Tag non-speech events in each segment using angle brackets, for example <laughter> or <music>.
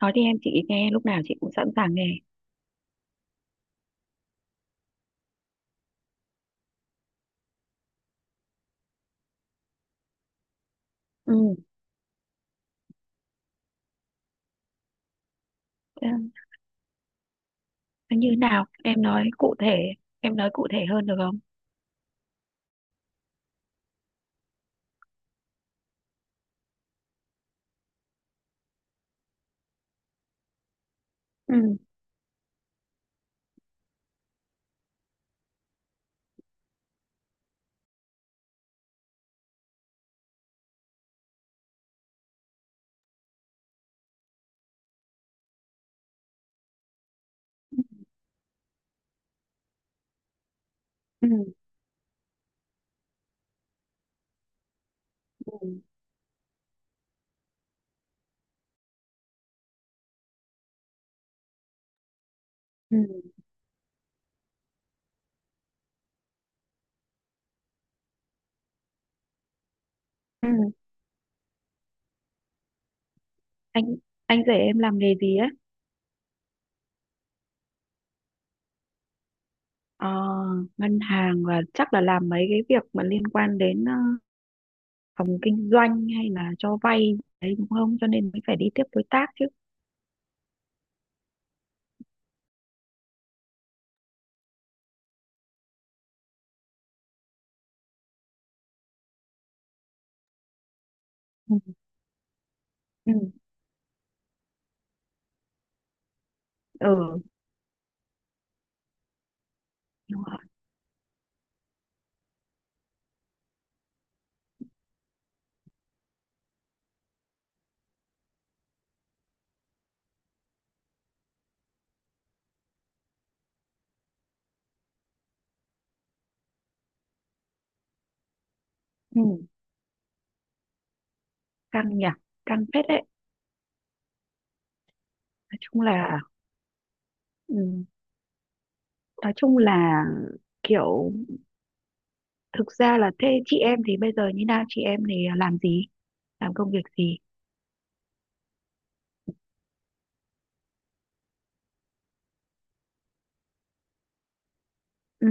Nói đi em, chị nghe, lúc nào chị cũng sẵn sàng nghe. Ừ. thế thế như nào, em nói cụ thể. Em nói cụ thể hơn được không? Ừ. Ừ. Ừ. Ừ. Ừ. anh anh rể em làm nghề gì á? ờ, Ngân hàng, và chắc là làm mấy cái việc mà liên quan đến phòng kinh doanh hay là cho vay đấy, đúng không? Cho nên mới phải đi tiếp đối tác chứ. Ừ. Ừ. Ừ, đúng rồi. Ừ. Căng nhỉ. Căng phết đấy. Nói chung là. Ừ. Nói chung là kiểu, thực ra là thế, chị em thì bây giờ như nào, chị em thì làm gì, làm công việc gì? Ừ.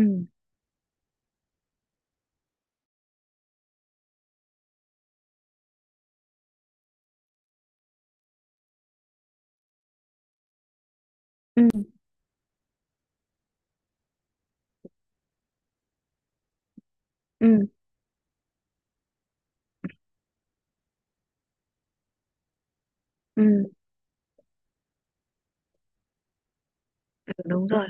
Ừ. Ừ. Ừ. Ừ, đúng rồi.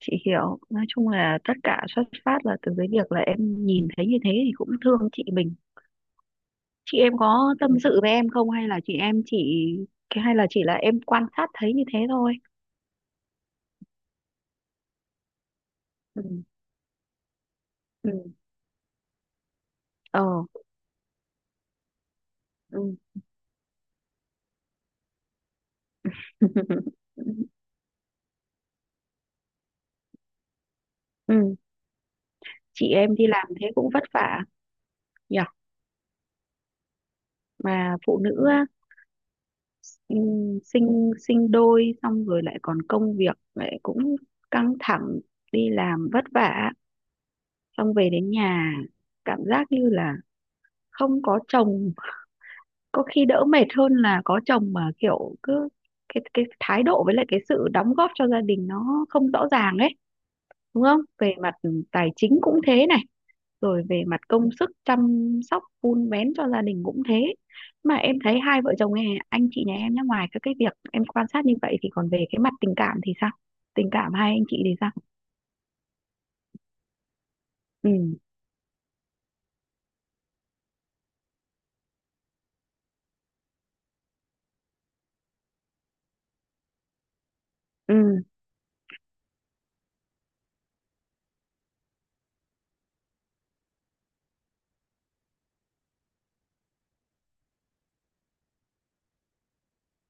Chị hiểu. Nói chung là tất cả xuất phát là từ cái việc là em nhìn thấy như thế thì cũng thương chị mình. Chị em có tâm sự với em không, hay là chị em chỉ, cái hay là chỉ là em quan sát thấy như thế thôi? Ừ. Ừ. Ờ. Ừ. <laughs> Ừ. Chị em đi làm thế cũng vất vả nhỉ. Mà phụ nữ á, ừ, sinh sinh đôi xong rồi lại còn công việc lại cũng căng thẳng, đi làm vất vả, xong về đến nhà cảm giác như là không có chồng có khi đỡ mệt hơn là có chồng, mà kiểu cứ cái thái độ với lại cái sự đóng góp cho gia đình nó không rõ ràng ấy, đúng không? Về mặt tài chính cũng thế này, rồi về mặt công sức chăm sóc vun vén cho gia đình cũng thế. Mà em thấy hai vợ chồng nhà- anh chị nhà em nhá, ngoài các cái việc em quan sát như vậy thì còn về cái mặt tình cảm thì sao? Tình cảm hai anh chị thì sao? Ừ. Ừ.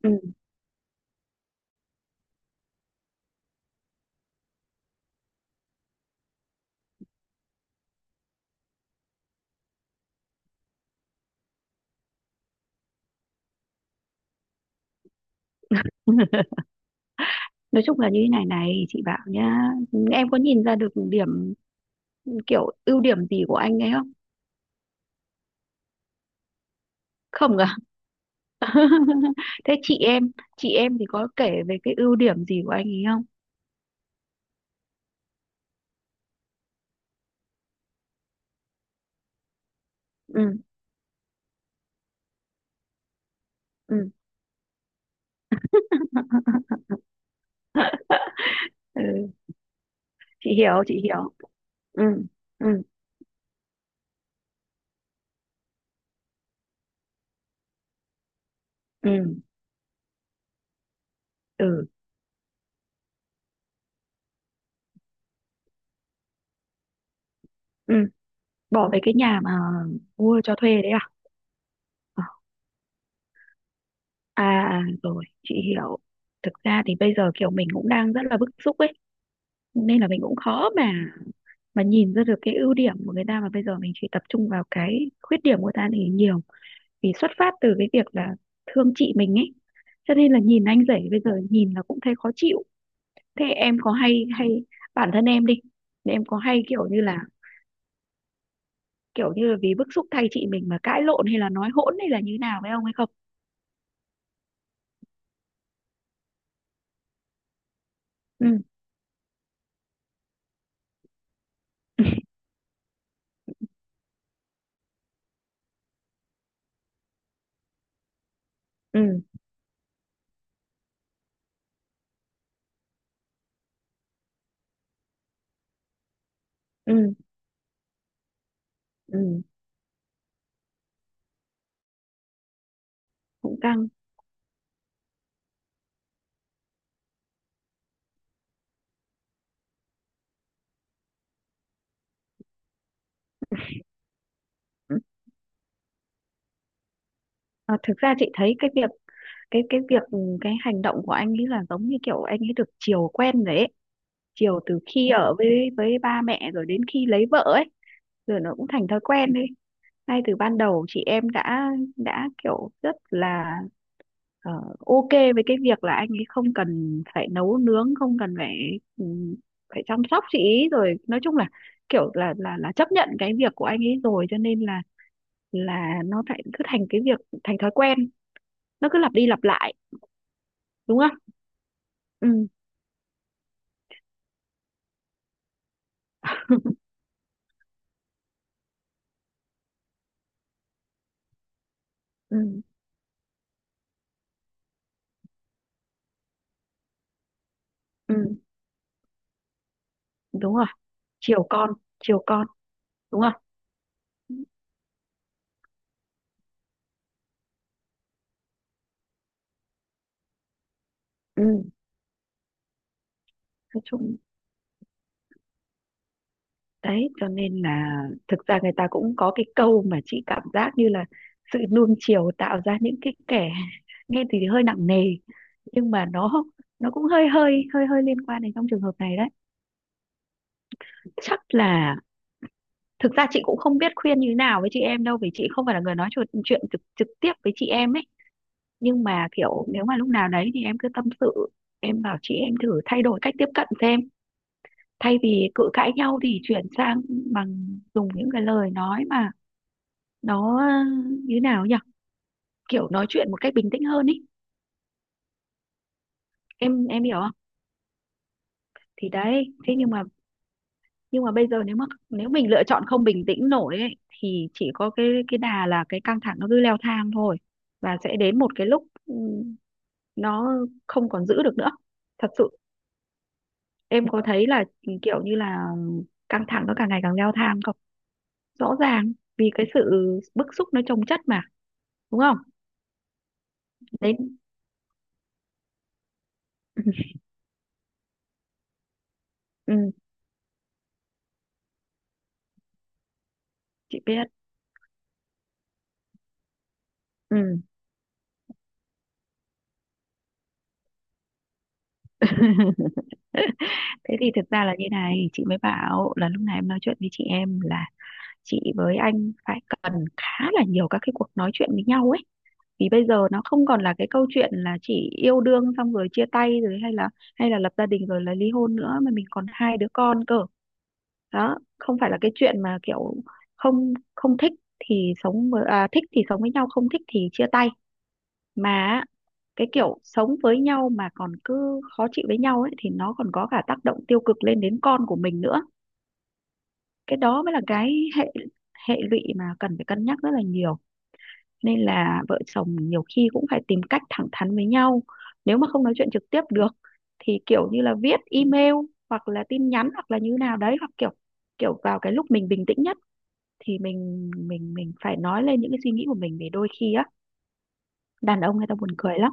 Ừ. <laughs> Nói chung là như thế này này, chị bảo nhá, em có nhìn ra được điểm, kiểu ưu điểm gì của anh ấy không? Không à? <laughs> Thế chị em, chị em thì có kể về cái ưu điểm gì của anh ấy không? Ừ. Ừ. <laughs> Ừ. Chị hiểu, chị hiểu. Ừ. Ừ. Ừ. Ừ. Ừ. Bỏ về cái nhà mà mua cho thuê đấy à? Ờ. À. À, rồi chị hiểu. Thực ra thì bây giờ kiểu mình cũng đang rất là bức xúc ấy, nên là mình cũng khó mà nhìn ra được cái ưu điểm của người ta, mà bây giờ mình chỉ tập trung vào cái khuyết điểm của người ta thì nhiều, vì xuất phát từ cái việc là thương chị mình ấy, cho nên là nhìn anh rể bây giờ nhìn là cũng thấy khó chịu. Thế em có hay hay bản thân em đi, em có hay kiểu như là, kiểu như là vì bức xúc thay chị mình mà cãi lộn hay là nói hỗn hay là như nào với ông ấy không? Ừ. <laughs> Ừ. Ừ. Ừ. Cũng căng. Ừ. À, thực ra chị thấy cái việc, cái việc ừ, cái hành động của anh ấy là giống như kiểu anh ấy được chiều quen rồi ấy, chiều từ khi ở với ba mẹ rồi đến khi lấy vợ ấy, rồi nó cũng thành thói quen đi. Ngay từ ban đầu chị em đã kiểu rất là ờ, ok với cái việc là anh ấy không cần phải nấu nướng, không cần phải phải chăm sóc chị ý, rồi nói chung là kiểu là chấp nhận cái việc của anh ấy rồi, cho nên là nó lại cứ thành cái việc, thành thói quen, nó cứ lặp đi lặp lại, đúng không? Ừ. Ừ. Ừ. Đúng rồi, chiều con, chiều con, đúng không? Ừ. Nói chung, đấy, cho nên là thực ra người ta cũng có cái câu mà chị cảm giác như là sự nuông chiều tạo ra những cái kẻ, <laughs> nghe thì hơi nặng nề, nhưng mà nó cũng hơi hơi hơi hơi liên quan đến trong trường hợp này đấy. Chắc là, thực ra chị cũng không biết khuyên như thế nào với chị em đâu, vì chị không phải là người nói chuyện, chuyện trực trực tiếp với chị em ấy, nhưng mà kiểu nếu mà lúc nào đấy thì em cứ tâm sự. Em bảo chị em thử thay đổi cách tiếp cận xem, thay vì cự cãi nhau thì chuyển sang bằng dùng những cái lời nói mà nó như nào nhỉ, kiểu nói chuyện một cách bình tĩnh hơn ý. Em hiểu không? Thì đấy, thế nhưng mà, nhưng mà bây giờ nếu mà, nếu mình lựa chọn không bình tĩnh nổi ấy, thì chỉ có cái đà là cái căng thẳng nó cứ leo thang thôi, và sẽ đến một cái lúc nó không còn giữ được nữa, thật sự. Em có thấy là kiểu như là căng thẳng nó càng ngày càng leo thang không? Rõ ràng vì cái sự bức xúc nó chồng chất mà, đúng không? Đấy. <laughs> Ừ, chị biết. Ừ. <laughs> Thế thì thực ra là như này, chị mới bảo là lúc này em nói chuyện với chị em là chị với anh phải cần khá là nhiều các cái cuộc nói chuyện với nhau ấy, vì bây giờ nó không còn là cái câu chuyện là chỉ yêu đương xong rồi chia tay rồi, hay là, hay là lập gia đình rồi là ly hôn nữa, mà mình còn hai đứa con cơ. Đó không phải là cái chuyện mà kiểu không không thích thì sống với, à, thích thì sống với nhau, không thích thì chia tay. Mà cái kiểu sống với nhau mà còn cứ khó chịu với nhau ấy thì nó còn có cả tác động tiêu cực lên đến con của mình nữa. Cái đó mới là cái hệ, hệ lụy mà cần phải cân nhắc rất là nhiều. Nên là vợ chồng nhiều khi cũng phải tìm cách thẳng thắn với nhau. Nếu mà không nói chuyện trực tiếp được thì kiểu như là viết email, hoặc là tin nhắn, hoặc là như nào đấy, hoặc kiểu, kiểu vào cái lúc mình bình tĩnh nhất thì mình phải nói lên những cái suy nghĩ của mình. Vì đôi khi á, đàn ông người ta buồn cười lắm,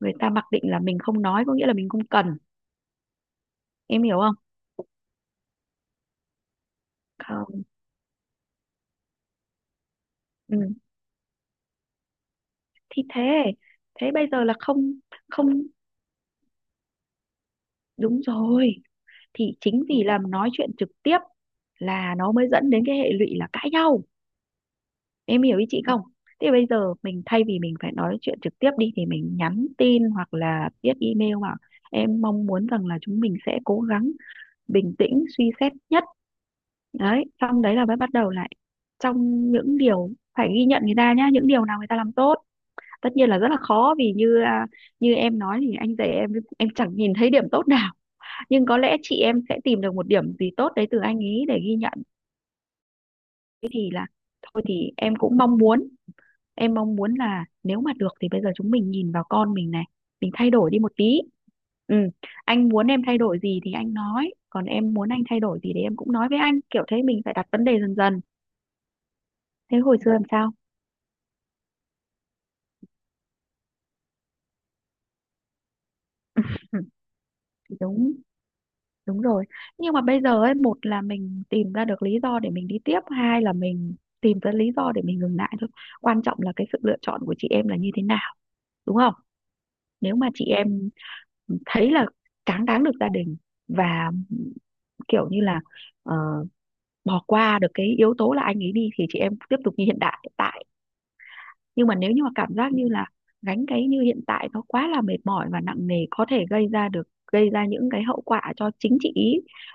người ta mặc định là mình không nói có nghĩa là mình không cần. Em hiểu không? Không. Ừ. Thì thế, thế bây giờ là không. Không, đúng rồi, thì chính vì là nói chuyện trực tiếp là nó mới dẫn đến cái hệ lụy là cãi nhau. Em hiểu ý chị không? Thế bây giờ mình thay vì mình phải nói chuyện trực tiếp đi thì mình nhắn tin hoặc là viết email, bảo em mong muốn rằng là chúng mình sẽ cố gắng bình tĩnh suy xét nhất. Đấy, xong đấy là mới bắt đầu lại trong những điều phải ghi nhận người ta nhá, những điều nào người ta làm tốt. Tất nhiên là rất là khó vì như như em nói thì anh rể em chẳng nhìn thấy điểm tốt nào, nhưng có lẽ chị em sẽ tìm được một điểm gì tốt đấy từ anh ấy để ghi nhận. Thế thì là, thôi thì em cũng mong muốn, em mong muốn là nếu mà được thì bây giờ chúng mình nhìn vào con mình này, mình thay đổi đi một tí. Ừ. Anh muốn em thay đổi gì thì anh nói, còn em muốn anh thay đổi gì thì em cũng nói với anh, kiểu thế, mình phải đặt vấn đề dần dần. Thế hồi xưa làm sao? Ừ, đúng đúng rồi. Nhưng mà bây giờ ấy, một là mình tìm ra được lý do để mình đi tiếp, hai là mình tìm ra lý do để mình ngừng lại thôi. Quan trọng là cái sự lựa chọn của chị em là như thế nào, đúng không? Nếu mà chị em thấy là cáng đáng được gia đình và kiểu như là ờ, bỏ qua được cái yếu tố là anh ấy đi, thì chị em tiếp tục như hiện tại. Nhưng mà nếu như mà cảm giác như là gánh cái như hiện tại nó quá là mệt mỏi và nặng nề, có thể gây ra được, gây ra những cái hậu quả cho chính chị ý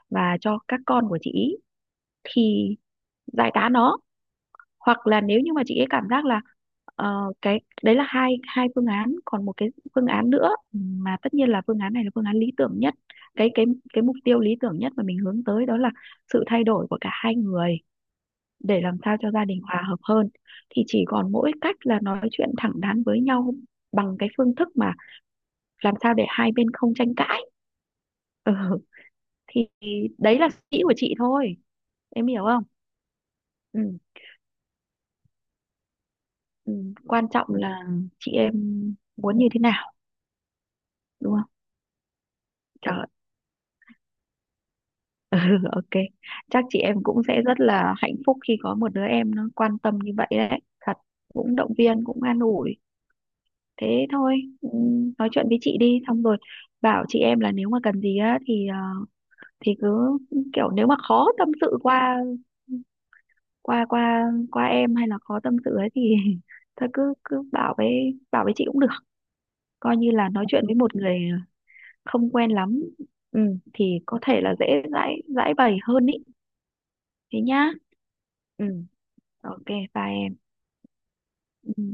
và cho các con của chị ý thì giải tán nó. Hoặc là nếu như mà chị ấy cảm giác là cái đấy là hai, hai phương án, còn một cái phương án nữa mà tất nhiên là phương án này là phương án lý tưởng nhất, cái cái cái mục tiêu lý tưởng nhất mà mình hướng tới đó là sự thay đổi của cả hai người để làm sao cho gia đình hòa hợp hơn, thì chỉ còn mỗi cách là nói chuyện thẳng thắn với nhau bằng cái phương thức mà làm sao để hai bên không tranh cãi. Ừ, thì đấy là suy nghĩ của chị thôi, em hiểu không? Ừ. Ừ. Quan trọng là chị em muốn như thế nào, đúng không? Trời ơi. <laughs> Ừ, ok. Chắc chị em cũng sẽ rất là hạnh phúc khi có một đứa em nó quan tâm như vậy đấy, thật, cũng động viên cũng an ủi. Thế thôi, nói chuyện với chị đi, xong rồi bảo chị em là nếu mà cần gì á thì thì cứ kiểu, nếu mà khó tâm sự qua qua em, hay là khó tâm sự ấy thì, <laughs> thôi cứ cứ bảo với, bảo với chị cũng được. Coi như là nói chuyện với một người không quen lắm, ừ, thì có thể là dễ giải giải bày hơn ý. Thế nhá. Ừ, ok. Bye em. Ừ.